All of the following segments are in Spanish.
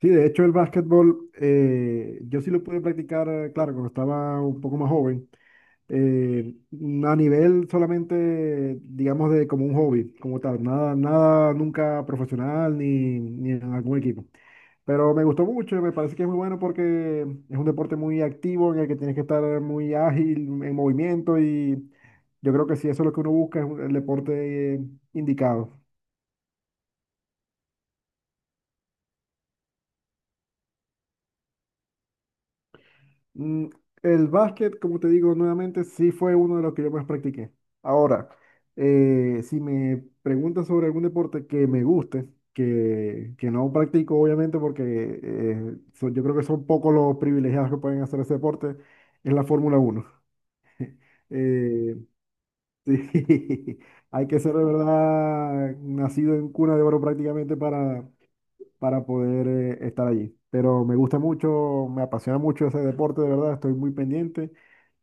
Sí, de hecho el básquetbol, yo sí lo pude practicar, claro, cuando estaba un poco más joven, eh, a nivel solamente, digamos, de como un hobby, como tal, nada, nada nunca profesional ni en algún equipo. Pero me gustó mucho, me parece que es muy bueno porque es un deporte muy activo en el que tienes que estar muy ágil, en movimiento, y yo creo que si eso es lo que uno busca, es el deporte indicado. Mm, El básquet, como te digo nuevamente, sí fue uno de los que yo más practiqué. Ahora, si me preguntas sobre algún deporte que me guste, que no practico obviamente porque yo creo que son pocos los privilegiados que pueden hacer ese deporte, es la Fórmula uno. Eh, sí, hay que ser de verdad nacido en cuna de oro prácticamente para poder estar allí. Pero me gusta mucho, me apasiona mucho ese deporte, de verdad, estoy muy pendiente,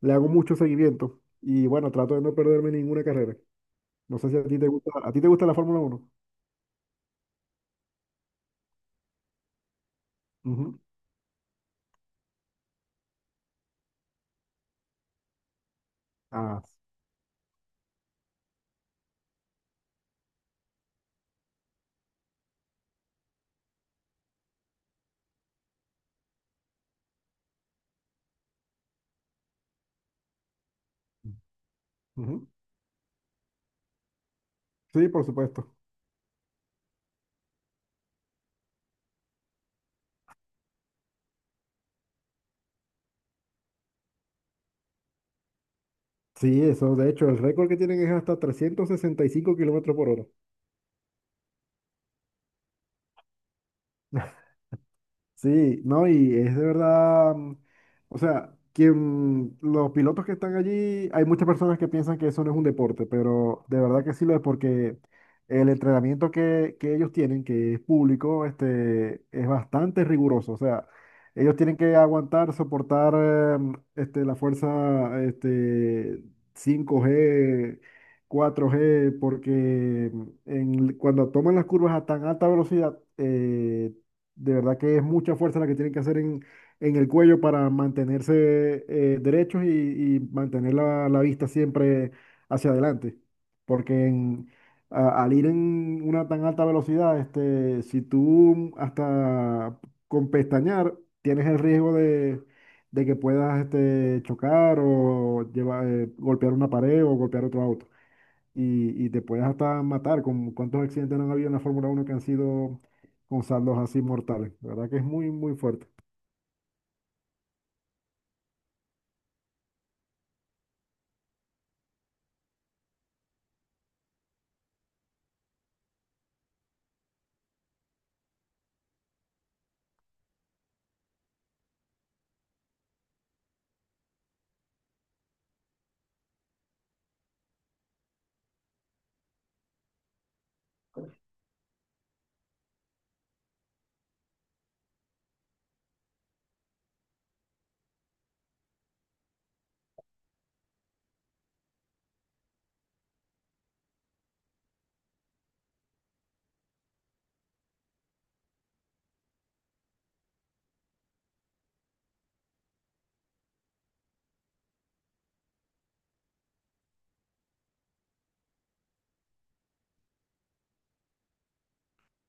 le hago mucho seguimiento y bueno, trato de no perderme ninguna carrera. No sé si a ti te gusta, ¿a ti te gusta la Fórmula Uno? Ujú. Ah, ujú. Sí, por supuesto. Sí, eso, de hecho, el récord que tienen es hasta 365 kilómetros por hora. Sí, no, y es de verdad, o sea, quien, los pilotos que están allí, hay muchas personas que piensan que eso no es un deporte, pero de verdad que sí lo es porque el entrenamiento que ellos tienen, que es público, es bastante riguroso, o sea, ellos tienen que aguantar, soportar, la fuerza, 5 g, 4 g, porque cuando toman las curvas a tan alta velocidad, de verdad que es mucha fuerza la que tienen que hacer en el cuello para mantenerse derechos y mantener la vista siempre hacia adelante. Porque al ir en una tan alta velocidad, si tú hasta con pestañear tienes el riesgo de, de que puedas chocar o llevar, golpear una pared o golpear otro auto, y te puedes hasta matar. ¡Con cuántos accidentes no han habido en la Fórmula Uno que han sido con saldos así mortales! La verdad que es muy, muy fuerte.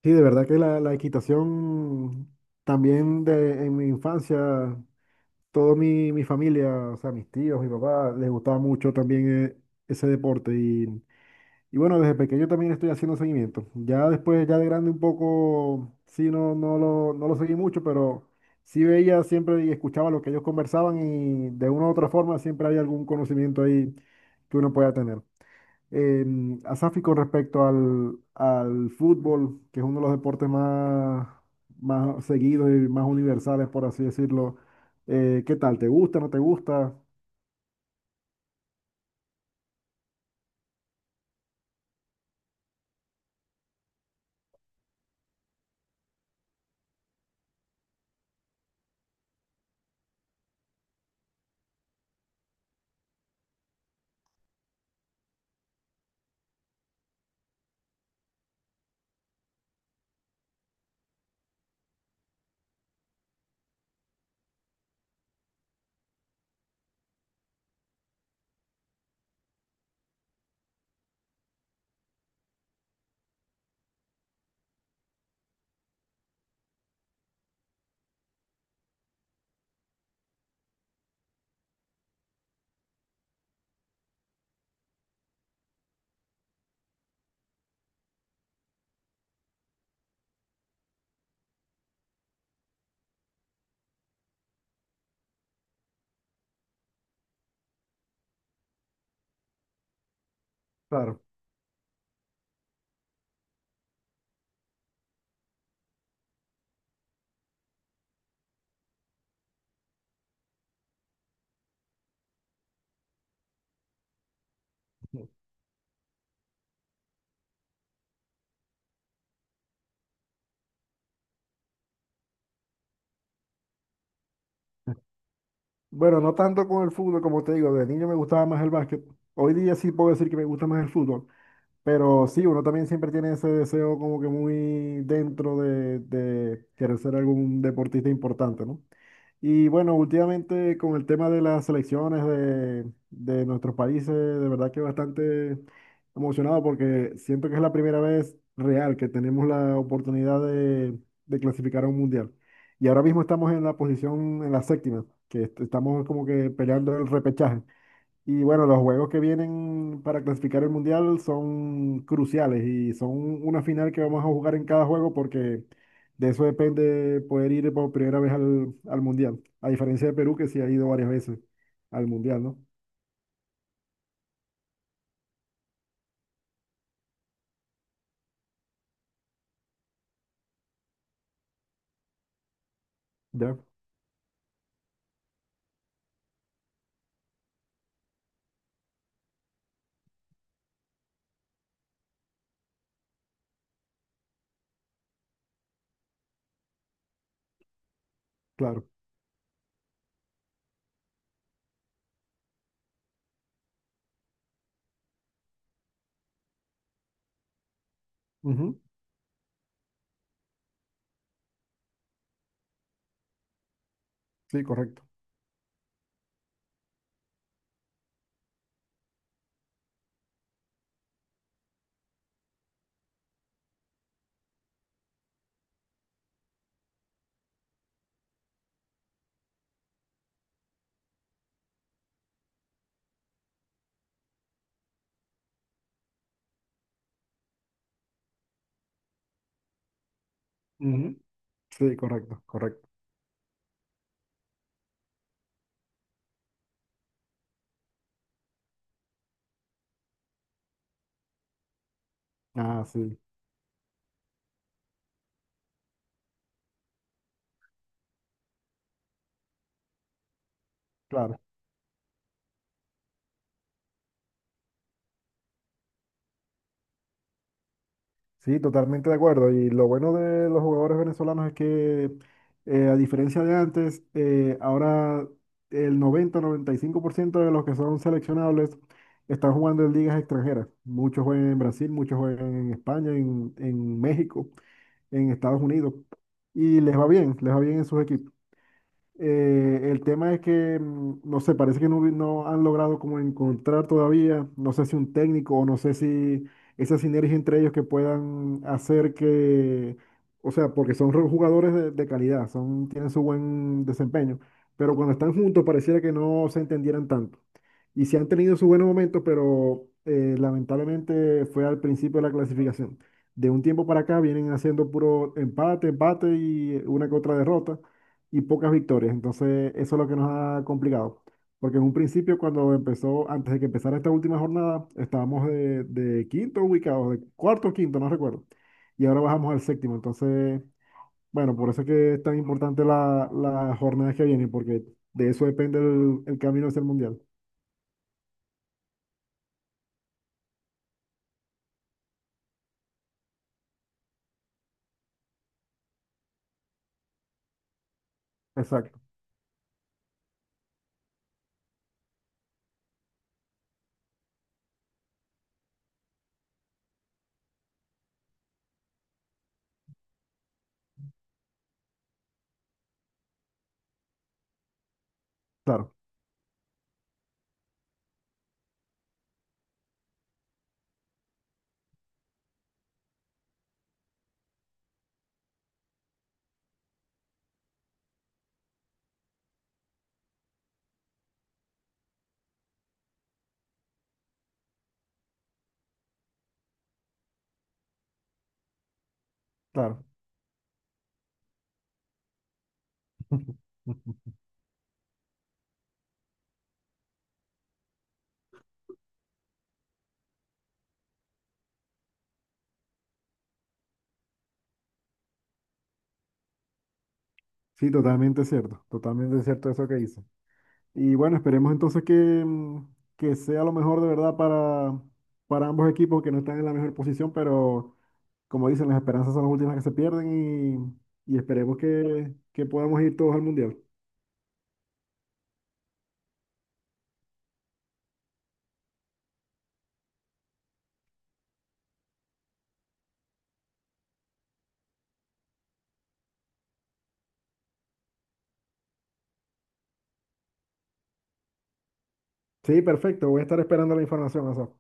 Sí, de verdad que la equitación también en mi infancia, toda mi familia, o sea, mis tíos, mi papá, les gustaba mucho también ese deporte. Y bueno, desde pequeño también estoy haciendo seguimiento. Ya después, ya de grande un poco, sí, no, no lo seguí mucho, pero sí veía siempre y escuchaba lo que ellos conversaban, y de una u otra forma siempre hay algún conocimiento ahí que uno pueda tener. Asafi, con respecto al fútbol, que es uno de los deportes más seguidos y más universales, por así decirlo, ¿qué tal? ¿Te gusta? ¿No te gusta? Claro. Bueno, no tanto con el fútbol, como te digo, de niño me gustaba más el básquet. Hoy día sí puedo decir que me gusta más el fútbol, pero sí, uno también siempre tiene ese deseo como que muy dentro de querer ser algún deportista importante, ¿no? Y bueno, últimamente con el tema de las selecciones de, nuestros países, de verdad que bastante emocionado porque siento que es la primera vez real que tenemos la oportunidad de clasificar a un mundial. Y ahora mismo estamos en la posición, en la séptima, que estamos como que peleando el repechaje. Y bueno, los juegos que vienen para clasificar el mundial son cruciales y son una final que vamos a jugar en cada juego, porque de eso depende poder ir por primera vez al mundial. A diferencia de Perú, que sí ha ido varias veces al mundial, ¿no? Ya, claro. Ujú. Sí, correcto. Ujú. Sí, correcto, correcto. Ah, sí, claro. Sí, totalmente de acuerdo. Y lo bueno de los jugadores venezolanos es que, a diferencia de antes, ahora el 90, 95% de los que son seleccionables están jugando en ligas extranjeras. Muchos juegan en Brasil, muchos juegan en España, en México, en Estados Unidos. Y les va bien en sus equipos. El tema es que, no sé, parece que no, no han logrado como encontrar todavía, no sé si un técnico o no sé si esa sinergia entre ellos, que puedan hacer que, o sea, porque son jugadores de, calidad, son, tienen su buen desempeño, pero cuando están juntos pareciera que no se entendieran tanto. Y sí han tenido sus buenos momentos, pero lamentablemente fue al principio de la clasificación. De un tiempo para acá vienen haciendo puro empate, empate, y una que otra derrota y pocas victorias. Entonces, eso es lo que nos ha complicado. Porque en un principio, cuando empezó, antes de que empezara esta última jornada, estábamos de, quinto ubicados, de cuarto o quinto, no recuerdo. Y ahora bajamos al séptimo. Entonces, bueno, por eso es que es tan importante la jornada que viene, porque de eso depende el camino hacia el mundial. Exacto, claro, claro. Sí, totalmente cierto eso que dice. Y bueno, esperemos entonces que, mm, que sea lo mejor de verdad para, ambos equipos, que no están en la mejor posición, pero como dicen, las esperanzas son las últimas que se pierden, y esperemos que, podamos ir todos al Mundial. Sí, perfecto, voy a estar esperando la información, Asaf.